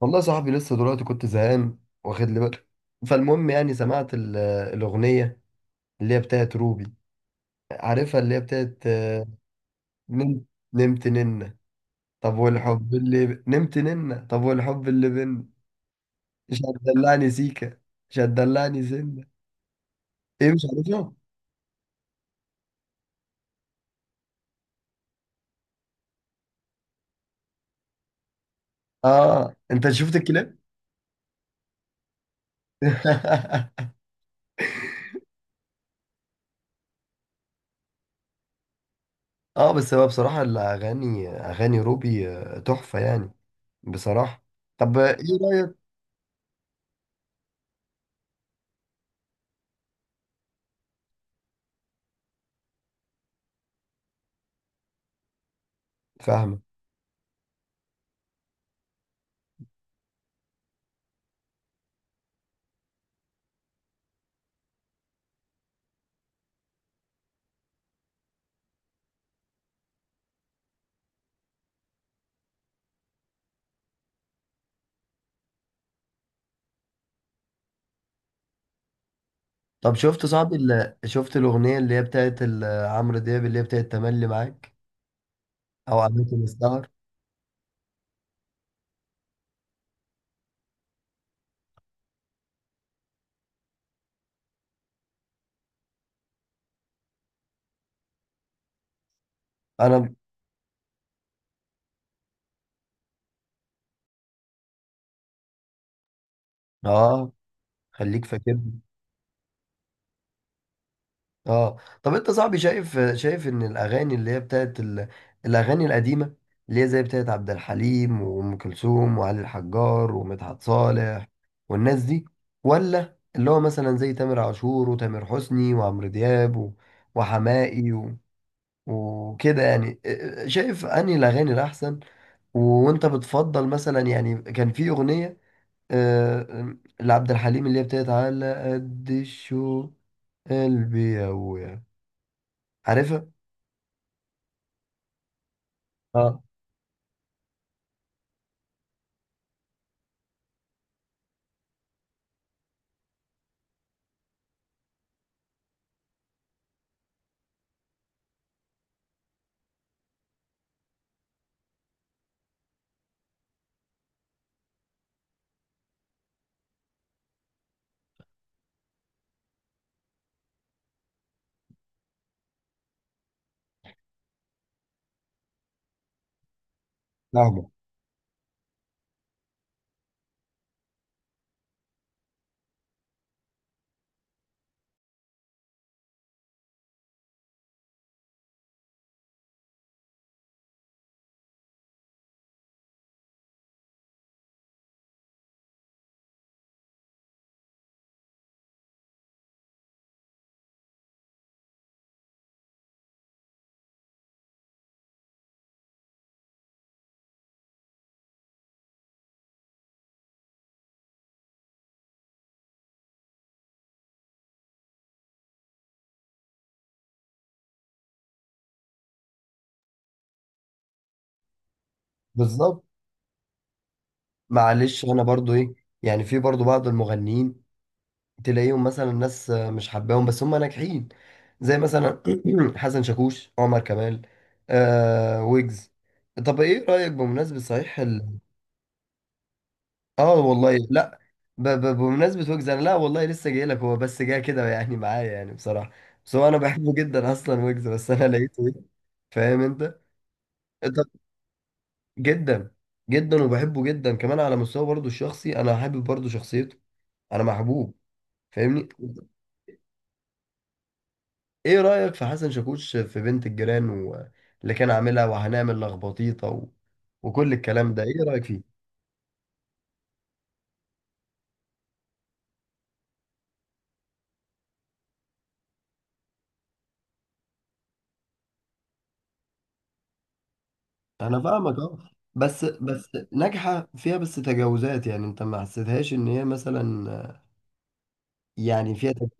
والله يا صاحبي لسه دلوقتي كنت زهقان واخد لي بالي. فالمهم يعني سمعت الأغنية اللي هي بتاعت روبي، عارفها؟ اللي هي بتاعت نمت نمت ننة طب والحب اللي ب... نمت ننة، طب والحب اللي بينا، مش هتدلعني سيكة، مش هتدلعني سنة. ايه، مش عارفها؟ اه انت شفت الكلام؟ اه، بس هو بصراحة الأغاني، أغاني روبي تحفة يعني، بصراحة. طب ايه رأيك؟ فاهمة. طب شفت صاحبي، اللي شفت الأغنية اللي هي بتاعت عمرو دياب، اللي هي بتاعت تملي معاك أو أماكن السهر؟ أنا آه، خليك فاكرني آه. طب أنت صاحبي شايف، شايف إن الأغاني اللي هي بتاعت ال... الأغاني القديمة اللي هي زي بتاعت عبد الحليم وأم كلثوم وعلي الحجار ومدحت صالح والناس دي، ولا اللي هو مثلا زي تامر عاشور وتامر حسني وعمرو دياب و... وحماقي و... وكده يعني، شايف أنهي الأغاني الأحسن؟ وانت بتفضل مثلا؟ يعني كان في اغنيه لعبد الحليم، اللي هي بتاعت على قد الشوق، قلبي يويا، عارفها؟ اه. نعم. بالظبط. معلش انا برضو ايه، يعني في برضو بعض المغنيين تلاقيهم مثلا، ناس مش حباهم بس هم ناجحين، زي مثلا حسن شاكوش، عمر كمال، آه، ويجز. طب ايه رأيك بمناسبة صحيح، اه والله لا ب ب بمناسبة ويجز، انا لا والله لسه جاي لك، هو بس جاي كده يعني معايا، يعني بصراحة، بس هو انا بحبه جدا اصلا ويجز، بس انا لقيته إيه؟ فاهم انت؟ انت جدا جدا، وبحبه جدا كمان على مستوى برضه الشخصي، انا حابب برضه شخصيته، انا محبوب، فاهمني؟ ايه رأيك في حسن شاكوش في بنت الجيران و... اللي كان عاملها، وهنعمل لخبطيطة و... وكل الكلام ده، ايه رأيك فيه؟ انا فاهمك، اه، بس بس ناجحه فيها، بس تجاوزات. يعني انت ما حسيتهاش ان هي مثلا يعني فيها تجاوز؟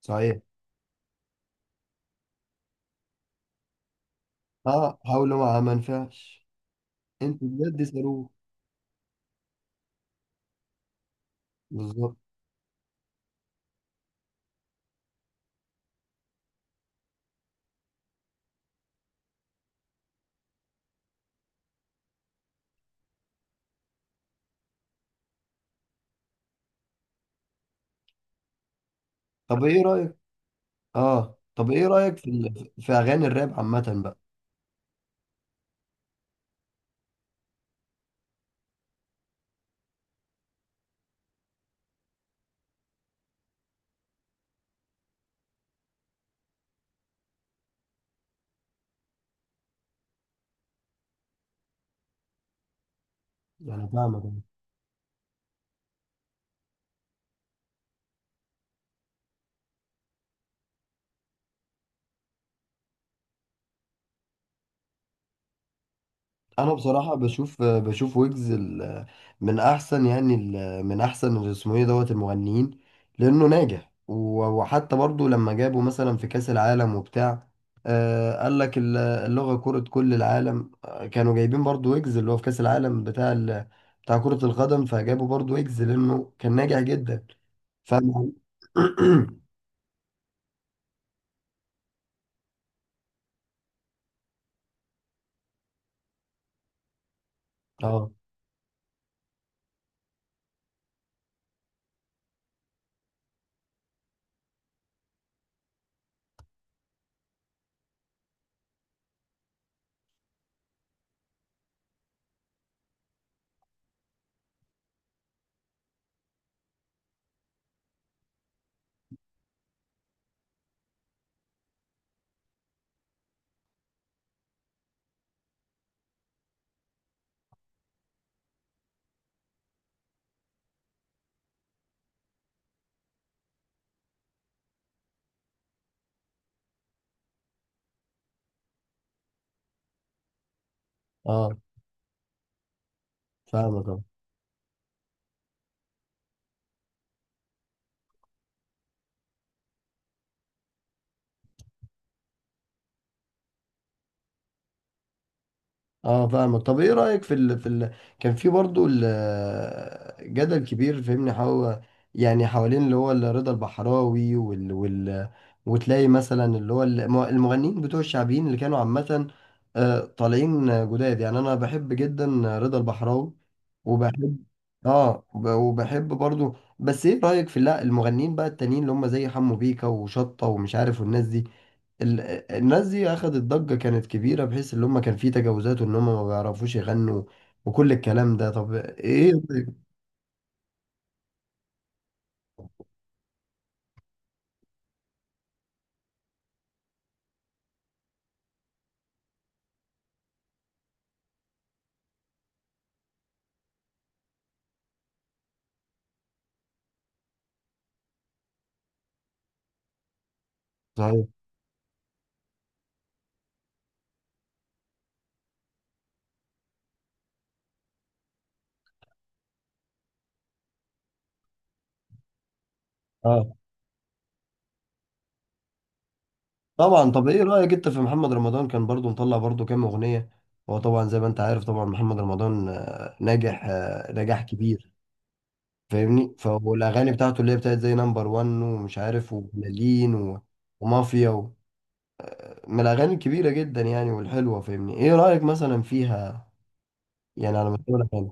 صحيح. اه حاولوا معاها ما نفعش. انتوا بجد ساروه. بالظبط. طب ايه رايك، اه طب ايه رايك في في اغاني الراب عامه بقى؟ يعني فاهمك. انا بصراحه بشوف، بشوف ويجز من احسن، يعني من احسن اللي اسمه ايه، دوت المغنيين، لانه ناجح وحتى برضو لما جابوا مثلا في كاس العالم وبتاع، آه قال لك اللغه، كره كل العالم، كانوا جايبين برضو ويجز، اللي هو في كاس العالم بتاع بتاع كره القدم، فجابوا برضو ويجز لانه كان ناجح جدا. فاهم؟ اه. اه فاهمك. اه فاهمك. طب ايه رأيك في ال... في ال... كان في برضو ال... جدل كبير فهمني، يعني حوالين اللي هو رضا البحراوي وال... وال... وتلاقي مثلا اللي هو المغنيين بتوع الشعبيين اللي كانوا عامة طالعين جداد. يعني انا بحب جدا رضا البحراوي وبحب. اه وبحب برضو، بس ايه رأيك في لا المغنيين بقى التانيين اللي هم زي حمو بيكا وشطة ومش عارف والناس دي، ال- الناس دي اخدت ضجة كانت كبيرة، بحيث ان هم كان في تجاوزات وان هم ما بيعرفوش يغنوا، وكل الكلام ده. طب ايه رأيك؟ صحيح. اه طبعا. طب ايه رأيك انت في محمد رمضان؟ كان برضو مطلع برضو كام اغنية. هو طبعا زي ما انت عارف، طبعا محمد رمضان ناجح، نجاح كبير، فاهمني؟ فالاغاني بتاعته اللي هي بتاعت زي نمبر وان ومش عارف، وبلالين ومافيا و... من الاغاني الكبيرة جدا يعني، والحلوة، فاهمني؟ ايه رأيك مثلا فيها، يعني على مستوى الاغاني؟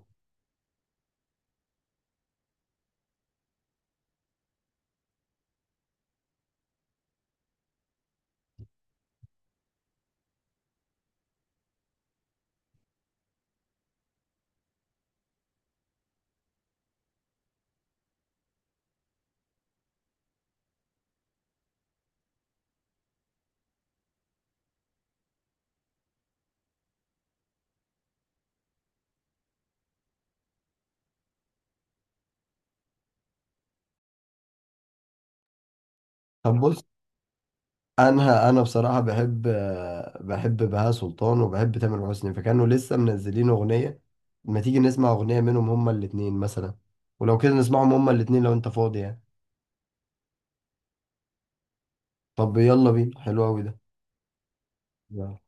طب بص انا بصراحه بحب، بحب بهاء سلطان وبحب تامر حسني، فكانوا لسه منزلين اغنيه، ما تيجي نسمع اغنيه منهم هما الاتنين مثلا؟ ولو كده نسمعهم هما الاتنين لو انت فاضي يعني. طب يلا بينا، حلو قوي ده. يلا.